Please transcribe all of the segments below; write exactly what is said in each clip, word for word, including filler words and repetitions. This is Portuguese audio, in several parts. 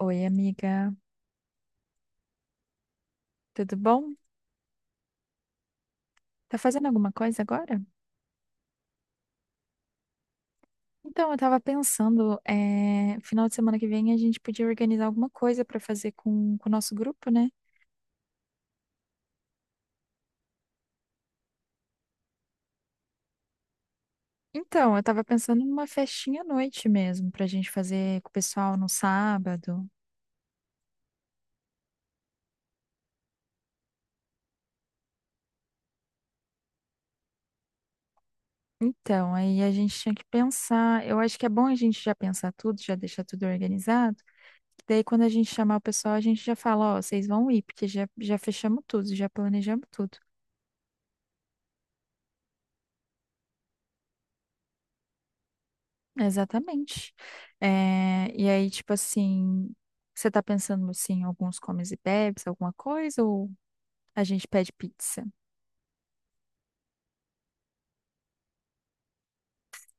Oi, amiga, tudo bom? Tá fazendo alguma coisa agora? Então, eu tava pensando, é, final de semana que vem a gente podia organizar alguma coisa pra fazer com, com o nosso grupo, né? Então, eu tava pensando numa festinha à noite mesmo, pra gente fazer com o pessoal no sábado. Então, aí a gente tinha que pensar. Eu acho que é bom a gente já pensar tudo, já deixar tudo organizado. Que Daí, quando a gente chamar o pessoal, a gente já fala: Ó, vocês vão ir, porque já, já fechamos tudo, já planejamos tudo. Exatamente. É, e aí, tipo assim, você tá pensando assim, em alguns comes e bebes, alguma coisa, ou a gente pede pizza?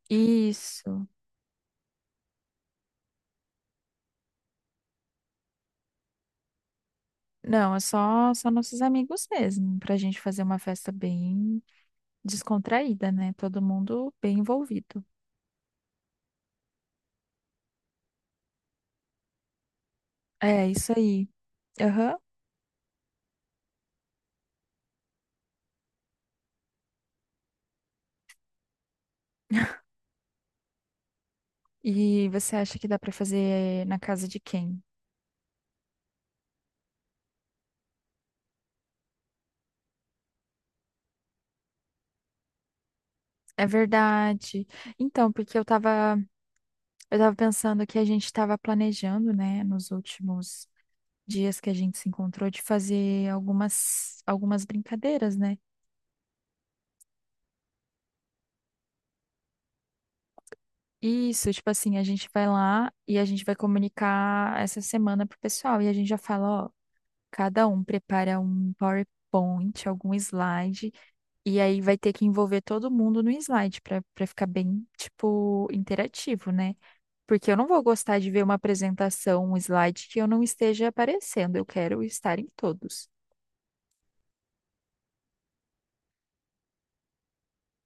Isso. Não, é só, só nossos amigos mesmo, pra gente fazer uma festa bem descontraída, né? Todo mundo bem envolvido. É, isso aí. Aham. E você acha que dá pra fazer na casa de quem? É verdade. Então, porque eu tava, eu tava pensando que a gente tava planejando, né, nos últimos dias que a gente se encontrou de fazer algumas, algumas brincadeiras, né? Isso, tipo assim, a gente vai lá e a gente vai comunicar essa semana pro pessoal e a gente já fala, ó, cada um prepara um PowerPoint, algum slide, e aí vai ter que envolver todo mundo no slide para para ficar bem, tipo, interativo, né? Porque eu não vou gostar de ver uma apresentação, um slide que eu não esteja aparecendo, eu quero estar em todos.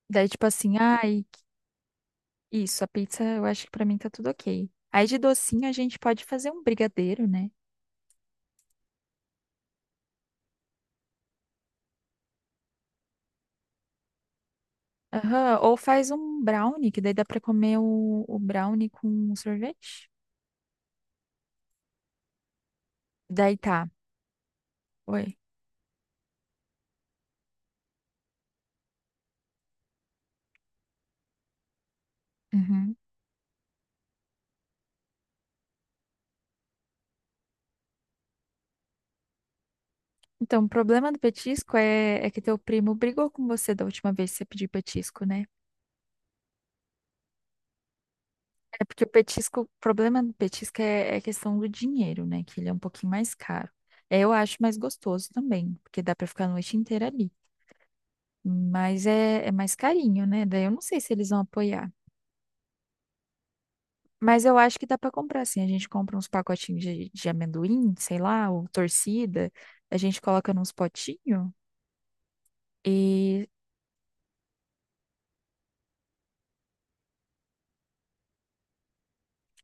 Daí, tipo assim, ai, Isso, a pizza eu acho que pra mim tá tudo ok. Aí de docinho a gente pode fazer um brigadeiro, né? Aham, ou faz um brownie, que daí dá pra comer o, o brownie com sorvete. Daí tá. Oi. Uhum. Então, o problema do petisco é, é que teu primo brigou com você da última vez que você pediu petisco, né? É porque o petisco, o problema do petisco é, é a questão do dinheiro, né? Que ele é um pouquinho mais caro. É, eu acho mais gostoso também, porque dá pra ficar a noite inteira ali. Mas é, é mais carinho, né? Daí eu não sei se eles vão apoiar. Mas eu acho que dá pra comprar, assim. A gente compra uns pacotinhos de, de amendoim, sei lá, ou torcida. A gente coloca nos potinhos. E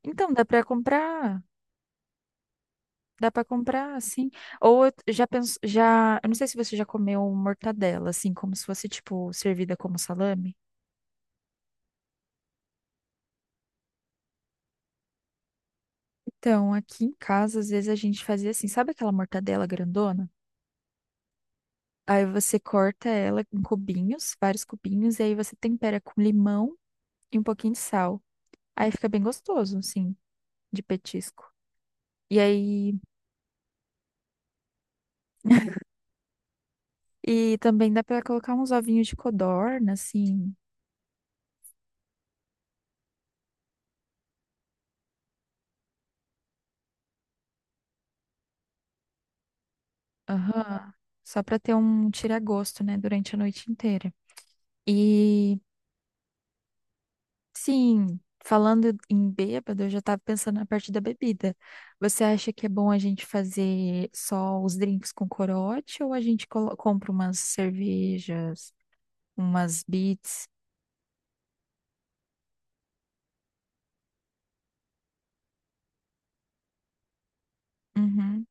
então dá pra comprar, dá pra comprar, assim. Ou eu já penso, já, eu não sei se você já comeu mortadela, assim, como se fosse tipo servida como salame. Então, aqui em casa, às vezes a gente fazia assim, sabe aquela mortadela grandona? Aí você corta ela em cubinhos, vários cubinhos, e aí você tempera com limão e um pouquinho de sal. Aí fica bem gostoso, assim, de petisco. E aí, e também dá pra colocar uns ovinhos de codorna, assim, aham, só pra ter um tira-gosto, né, durante a noite inteira. E, sim, falando em bêbado, eu já tava pensando na parte da bebida. Você acha que é bom a gente fazer só os drinks com corote ou a gente colo- compra umas cervejas? Umas beats. Uhum,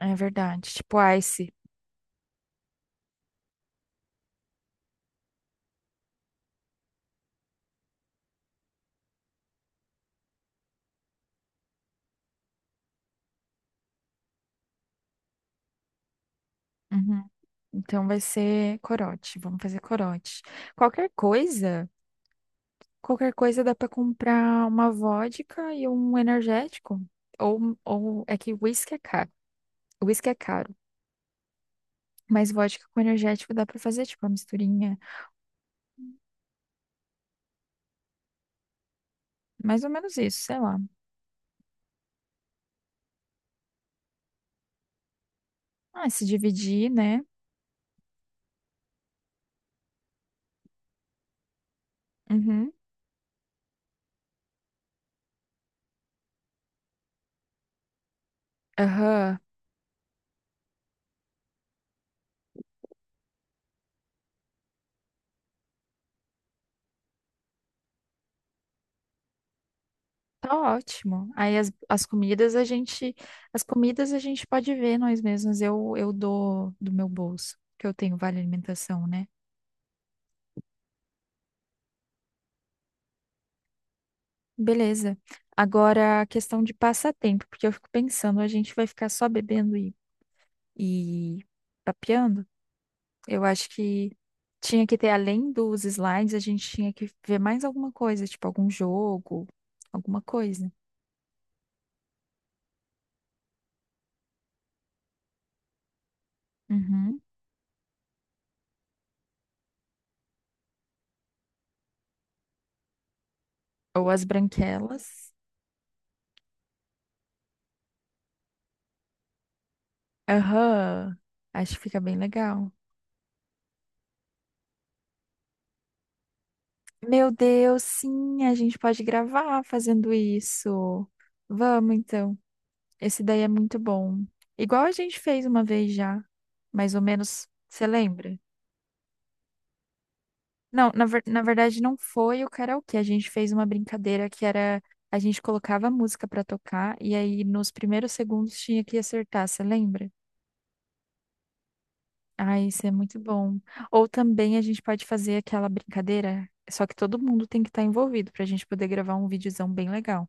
é verdade. Tipo Ice. Uhum. Então vai ser corote. Vamos fazer corote. Qualquer coisa, qualquer coisa dá pra comprar uma vodka e um energético. Ou, ou é que whisky é caro. Whisky é caro. Mas vodka com energético dá pra fazer, tipo, uma misturinha. Mais ou menos isso, sei lá. Ah, se dividir, né? Uhum. Aham. Tá ótimo. Aí as, as comidas a gente, as comidas a gente pode ver nós mesmos. Eu, eu dou do meu bolso, que eu tenho vale alimentação, né? Beleza. Agora a questão de passatempo, porque eu fico pensando, a gente vai ficar só bebendo e, e papeando? Eu acho que tinha que ter, além dos slides, a gente tinha que ver mais alguma coisa, tipo algum jogo, alguma coisa. Uhum. Ou as branquelas. Aham. Acho que fica bem legal. Meu Deus, sim, a gente pode gravar fazendo isso. Vamos então. Esse daí é muito bom. Igual a gente fez uma vez já, mais ou menos, você lembra? Não, na, ver- na verdade não foi o karaokê. A gente fez uma brincadeira que era a gente colocava a música pra tocar e aí nos primeiros segundos tinha que acertar, você lembra? Ah, isso é muito bom. Ou também a gente pode fazer aquela brincadeira, só que todo mundo tem que estar envolvido pra gente poder gravar um videozão bem legal.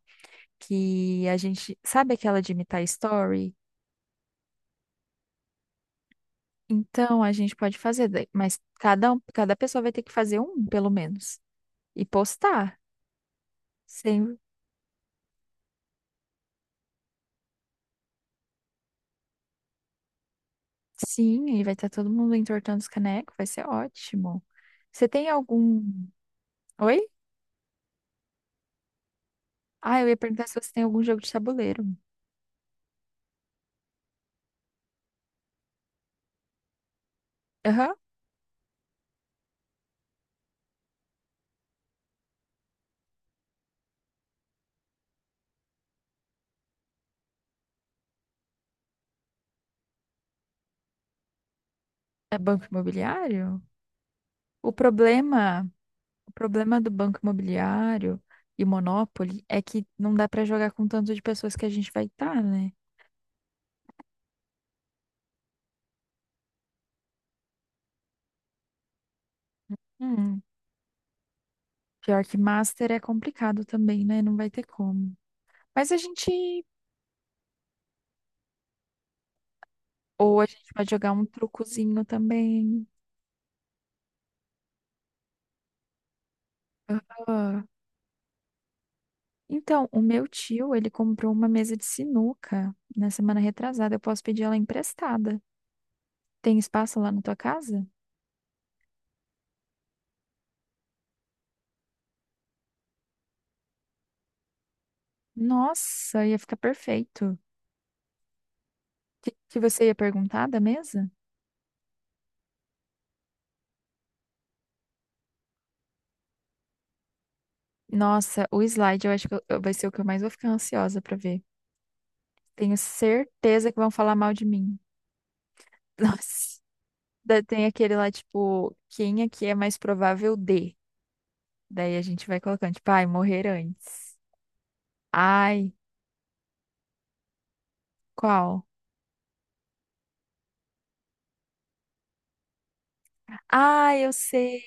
Que a gente sabe aquela de imitar story? Então a gente pode fazer, daí- mas cada um, cada pessoa vai ter que fazer um, pelo menos, e postar. Sem, sim, aí vai estar todo mundo entortando os canecos, vai ser ótimo. Você tem algum. Oi? Ah, eu ia perguntar se você tem algum jogo de tabuleiro. Aham. É banco imobiliário? O problema, o problema do banco imobiliário e Monopoly é que não dá pra jogar com o tanto de pessoas que a gente vai estar, né? Hum, Pior que Master é complicado também, né? Não vai ter como. Mas a gente. Ou a gente vai jogar um trucozinho também. Ah. Então, o meu tio, ele comprou uma mesa de sinuca na semana retrasada. Eu posso pedir ela emprestada. Tem espaço lá na tua casa? Nossa, ia ficar perfeito. O que, que você ia perguntar da mesa? Nossa, o slide eu acho que eu- eu- vai ser o que eu mais vou ficar ansiosa pra ver. Tenho certeza que vão falar mal de mim. Nossa. Daí tem aquele lá, tipo, quem aqui é mais provável de? Daí a gente vai colocando, tipo, ai, morrer antes. Ai, qual? Ai, eu sei.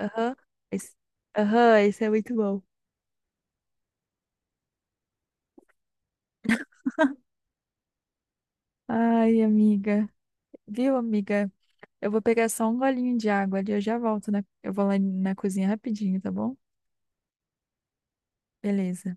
Aham, esse, aham, esse é muito bom. Ai, amiga. Viu, amiga? Eu vou pegar só um golinho de água ali, eu já volto, né? Eu vou lá na cozinha rapidinho, tá bom? Beleza.